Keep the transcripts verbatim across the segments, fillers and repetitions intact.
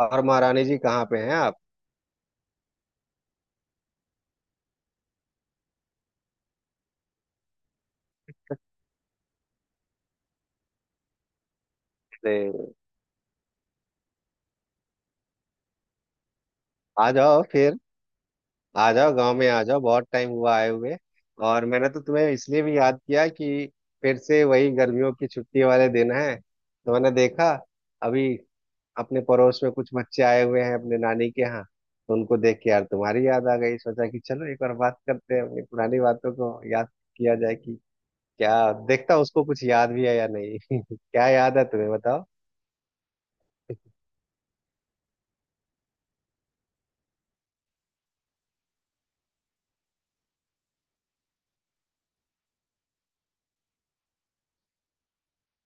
और महारानी जी कहाँ पे हैं आप? अरे, आ जाओ फिर। आ जाओ गांव में आ जाओ, बहुत टाइम हुआ आए हुए। और मैंने तो तुम्हें इसलिए भी याद किया कि फिर से वही गर्मियों की छुट्टी वाले दिन है, तो मैंने देखा अभी अपने पड़ोस में कुछ बच्चे आए हुए हैं अपने नानी के यहाँ, तो उनको देख के यार तुम्हारी याद आ गई। सोचा कि चलो एक बार बात करते हैं, अपनी पुरानी बातों को याद किया जाए कि क्या देखता उसको कुछ याद भी है या नहीं। क्या याद है तुम्हें, बताओ।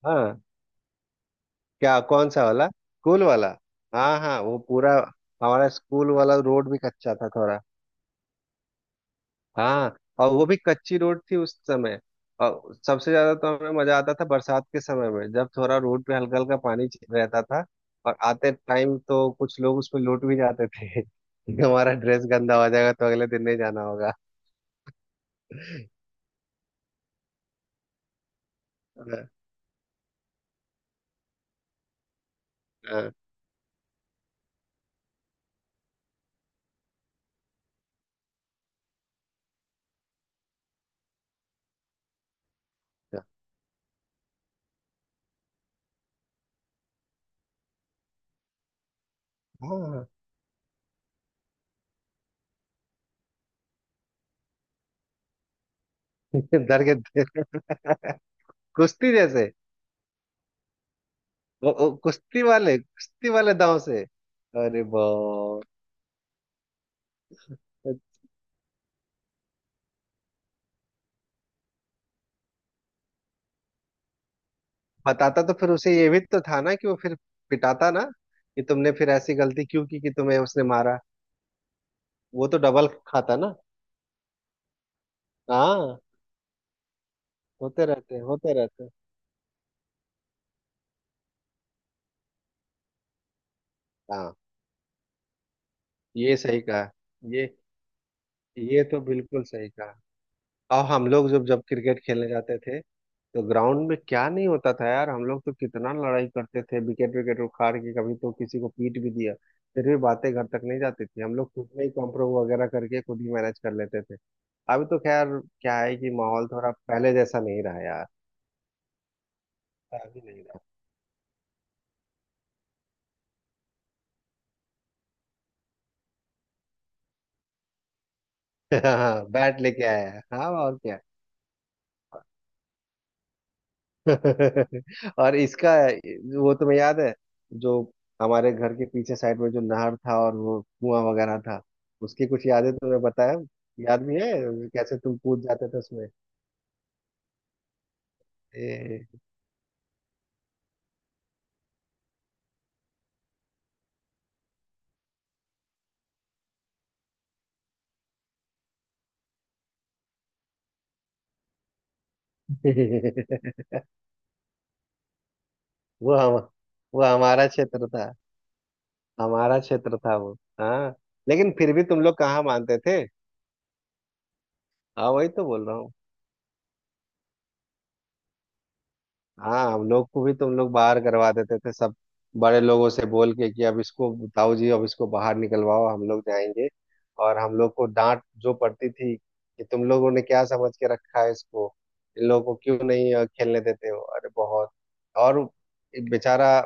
हाँ, क्या? कौन सा वाला? स्कूल वाला? हाँ हाँ, वो पूरा हमारा स्कूल वाला रोड भी कच्चा था थोड़ा। हाँ, और वो भी कच्ची रोड थी उस समय। और सबसे ज्यादा तो हमें मजा आता था बरसात के समय में, जब थोड़ा रोड पे हल्का हल्का पानी च- रहता था। और आते टाइम तो कुछ लोग उसमें लौट भी जाते थे कि हमारा ड्रेस गंदा हो जाएगा तो अगले दिन नहीं जाना होगा। हाँ हाँ, हाँ। डर के थे। कुश्ती जैसे। वो, वो कुश्ती वाले, कुश्ती वाले दांव से, अरे बाप। बताता तो फिर उसे ये भी तो था ना कि वो फिर पिटाता ना, कि तुमने फिर ऐसी गलती क्यों की कि तुम्हें उसने मारा। वो तो डबल खाता ना। हाँ, होते रहते हैं, होते रहते हैं। हाँ, ये सही कहा। ये ये तो बिल्कुल सही कहा। और हम लोग जब जब क्रिकेट खेलने जाते थे, तो ग्राउंड में क्या नहीं होता था यार। हम लोग तो कितना लड़ाई करते थे, विकेट विकेट उखाड़ के कभी तो किसी को पीट भी दिया। फिर भी बातें घर तक नहीं जाती थी, हम लोग खुद में ही कॉम्प्रो वगैरह करके खुद ही मैनेज कर लेते थे। अभी तो खैर क्या है कि माहौल थोड़ा पहले जैसा नहीं रहा यार। अभी नहीं रहा। बैट लेके आया है। हाँ, और क्या। और इसका, वो तुम्हें याद है जो हमारे घर के पीछे साइड में जो नहर था और वो कुआं वगैरह था? उसकी कुछ यादें तुम्हें बताया? याद भी है कैसे तुम कूद जाते थे उसमें? ए, वो हम, वो हमारा क्षेत्र था। हमारा क्षेत्र था वो। हाँ। लेकिन फिर भी तुम लोग कहाँ मानते थे। हाँ, वही तो बोल रहा हूँ। हाँ, हम लोग को भी तुम लोग बाहर करवा देते थे सब, बड़े लोगों से बोल के कि अब इसको, ताऊ जी अब इसको बाहर निकलवाओ हम लोग जाएंगे। और हम लोग को डांट जो पड़ती थी कि तुम लोगों ने क्या समझ के रखा है इसको, इन लोगों को क्यों नहीं अ, खेलने देते हो अरे बहुत। और एक बेचारा,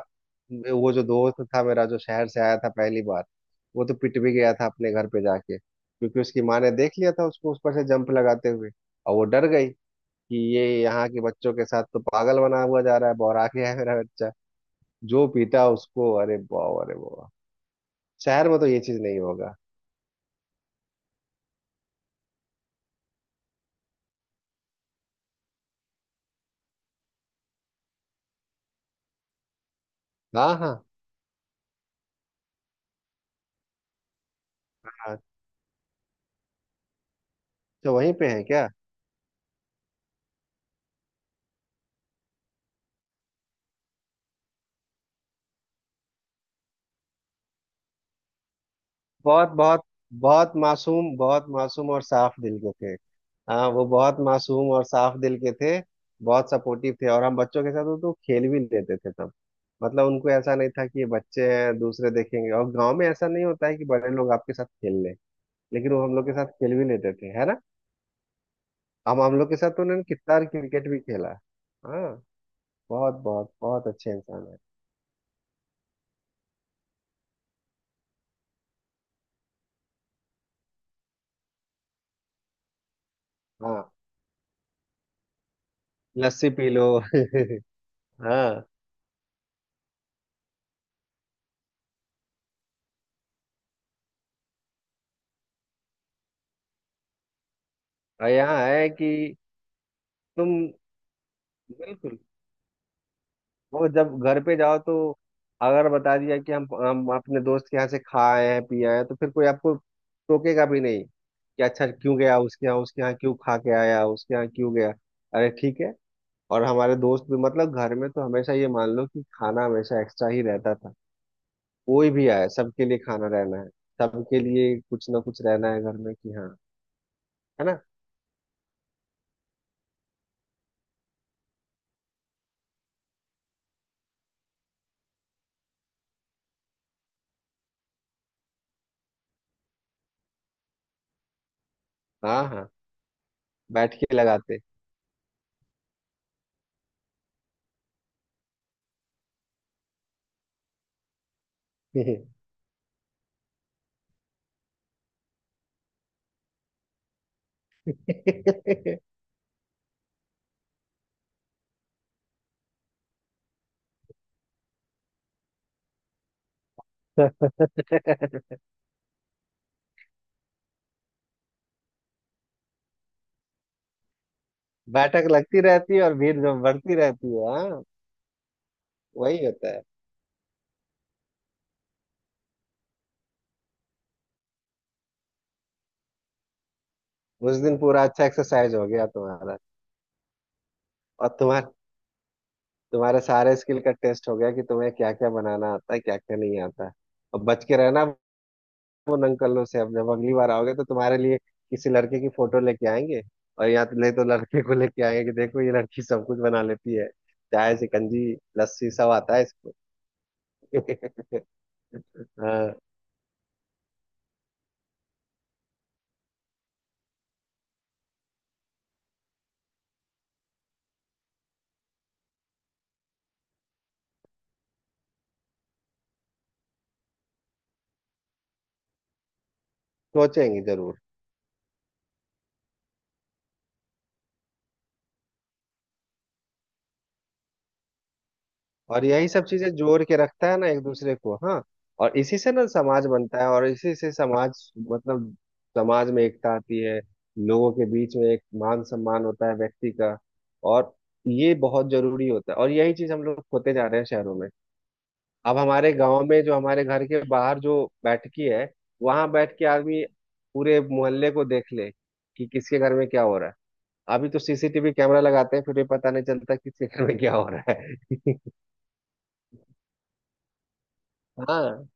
वो जो दोस्त था मेरा जो शहर से आया था पहली बार, वो तो पिट भी गया था अपने घर पे जाके क्योंकि उसकी माँ ने देख लिया था उसको ऊपर से जंप लगाते हुए। और वो डर गई कि ये यहाँ के बच्चों के साथ तो पागल बना हुआ जा रहा है, बौरा गया है मेरा बच्चा। जो पीता है उसको, अरे वाह अरे वाह, शहर में तो ये चीज नहीं होगा। हाँ हाँ, हाँ। तो वहीं पे है क्या? बहुत बहुत, बहुत मासूम, बहुत मासूम और साफ दिल के थे। हाँ, वो बहुत मासूम और साफ दिल के थे। बहुत सपोर्टिव थे, और हम बच्चों के साथ वो तो खेल भी लेते थे तब। मतलब उनको ऐसा नहीं था कि ये बच्चे हैं, दूसरे देखेंगे, और गांव में ऐसा नहीं होता है कि बड़े लोग आपके साथ खेल लें। लेकिन वो हम लोग के साथ खेल भी लेते थे, है ना। हम हम लोग के साथ तो उन्होंने कितना क्रिकेट भी खेला है। हाँ, बहुत बहुत, बहुत अच्छे इंसान है। हाँ, लस्सी पी लो। हाँ, और यहाँ है कि तुम, बिल्कुल, वो जब घर पे जाओ तो अगर बता दिया कि हम हम अपने दोस्त के यहाँ से खा आए हैं पी आए हैं तो फिर कोई आपको टोकेगा भी नहीं कि अच्छा क्यों गया उसके यहाँ, उसके यहाँ क्यों खा के आया, उसके यहाँ क्यों गया। अरे ठीक है। और हमारे दोस्त भी, मतलब घर में तो हमेशा ये मान लो कि खाना हमेशा एक्स्ट्रा ही रहता था। कोई भी आए सबके लिए खाना रहना है, सबके लिए कुछ ना कुछ रहना है घर में, कि हाँ, है ना। हाँ हाँ, बैठ के लगाते। बैठक लगती रहती है और भीड़ जो बढ़ती रहती है, हाँ। वही होता है। उस दिन पूरा अच्छा एक्सरसाइज हो गया तुम्हारा। और तुम्हार तुम्हारे सारे स्किल का टेस्ट हो गया, कि तुम्हें क्या क्या बनाना आता है क्या क्या नहीं आता। और बच के रहना उन अंकलों से, अब जब अगली बार आओगे तो तुम्हारे लिए किसी लड़के की फोटो लेके आएंगे। और यहाँ तो नहीं तो लड़के को लेके आएंगे, कि देखो ये लड़की सब कुछ बना लेती है, चाय शिकंजी लस्सी सब आता है इसको। हाँ, सोचेंगे जरूर। और यही सब चीजें जोड़ के रखता है ना एक दूसरे को, हाँ। और इसी से ना समाज बनता है, और इसी से समाज, मतलब समाज में एकता आती है, लोगों के बीच में एक मान सम्मान होता है व्यक्ति का। और ये बहुत जरूरी होता है, और यही चीज हम लोग खोते जा रहे हैं शहरों में। अब हमारे गांव में जो हमारे घर के बाहर जो बैठकी है, वहां बैठ के आदमी पूरे मोहल्ले को देख ले कि किसके घर में क्या हो रहा है। अभी तो सीसीटीवी कैमरा लगाते हैं फिर भी पता नहीं चलता किसके घर में क्या हो रहा है। हाँ।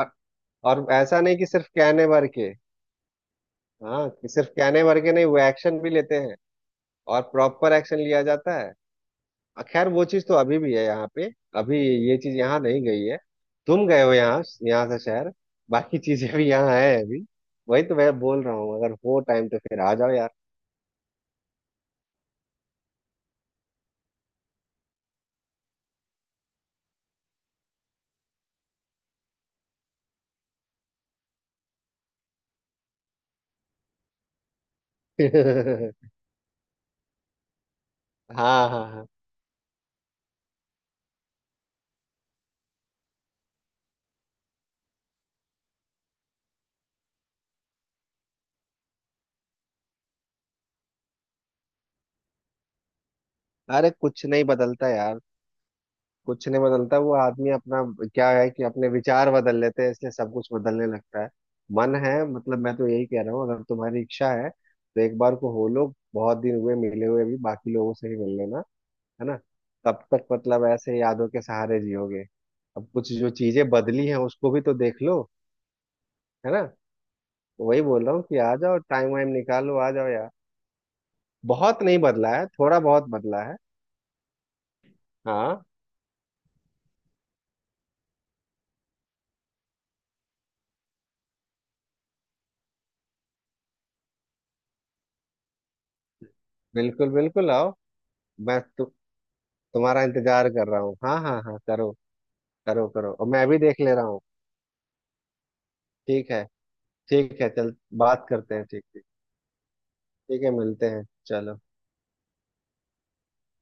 और और ऐसा नहीं कि सिर्फ कहने भर के। हाँ, कि सिर्फ कहने भर के नहीं, वो एक्शन भी लेते हैं। और प्रॉपर एक्शन लिया जाता है। खैर वो चीज तो अभी भी है यहाँ पे, अभी ये चीज यहाँ नहीं गई है। तुम गए हो यहाँ, यहाँ से शहर। बाकी चीजें भी यहाँ है अभी। वही तो मैं बोल रहा हूँ, अगर हो टाइम तो फिर आ जाओ यार। हाँ हाँ हाँ। अरे कुछ नहीं बदलता यार। कुछ नहीं बदलता। वो आदमी अपना, क्या है कि अपने विचार बदल लेते हैं इसलिए सब कुछ बदलने लगता है। मन है, मतलब मैं तो यही कह रहा हूँ अगर तुम्हारी इच्छा है तो एक बार को हो लो, बहुत दिन हुए मिले हुए भी, बाकी लोगों से ही मिल लेना, है ना। तब तक मतलब ऐसे यादों के सहारे जियोगे। अब कुछ जो चीजें बदली हैं उसको भी तो देख लो, है ना। तो वही बोल रहा हूँ कि आ जाओ, टाइम वाइम निकालो, आ जाओ यार। बहुत नहीं बदला है, थोड़ा बहुत बदला है। हाँ, बिल्कुल बिल्कुल आओ। मैं तु, तुम्हारा इंतजार कर रहा हूँ। हाँ हाँ हाँ, करो करो करो, और मैं भी देख ले रहा हूँ। ठीक है। ठीक है, चल बात करते हैं, ठीक ठीक। ठीक है, मिलते हैं, चलो।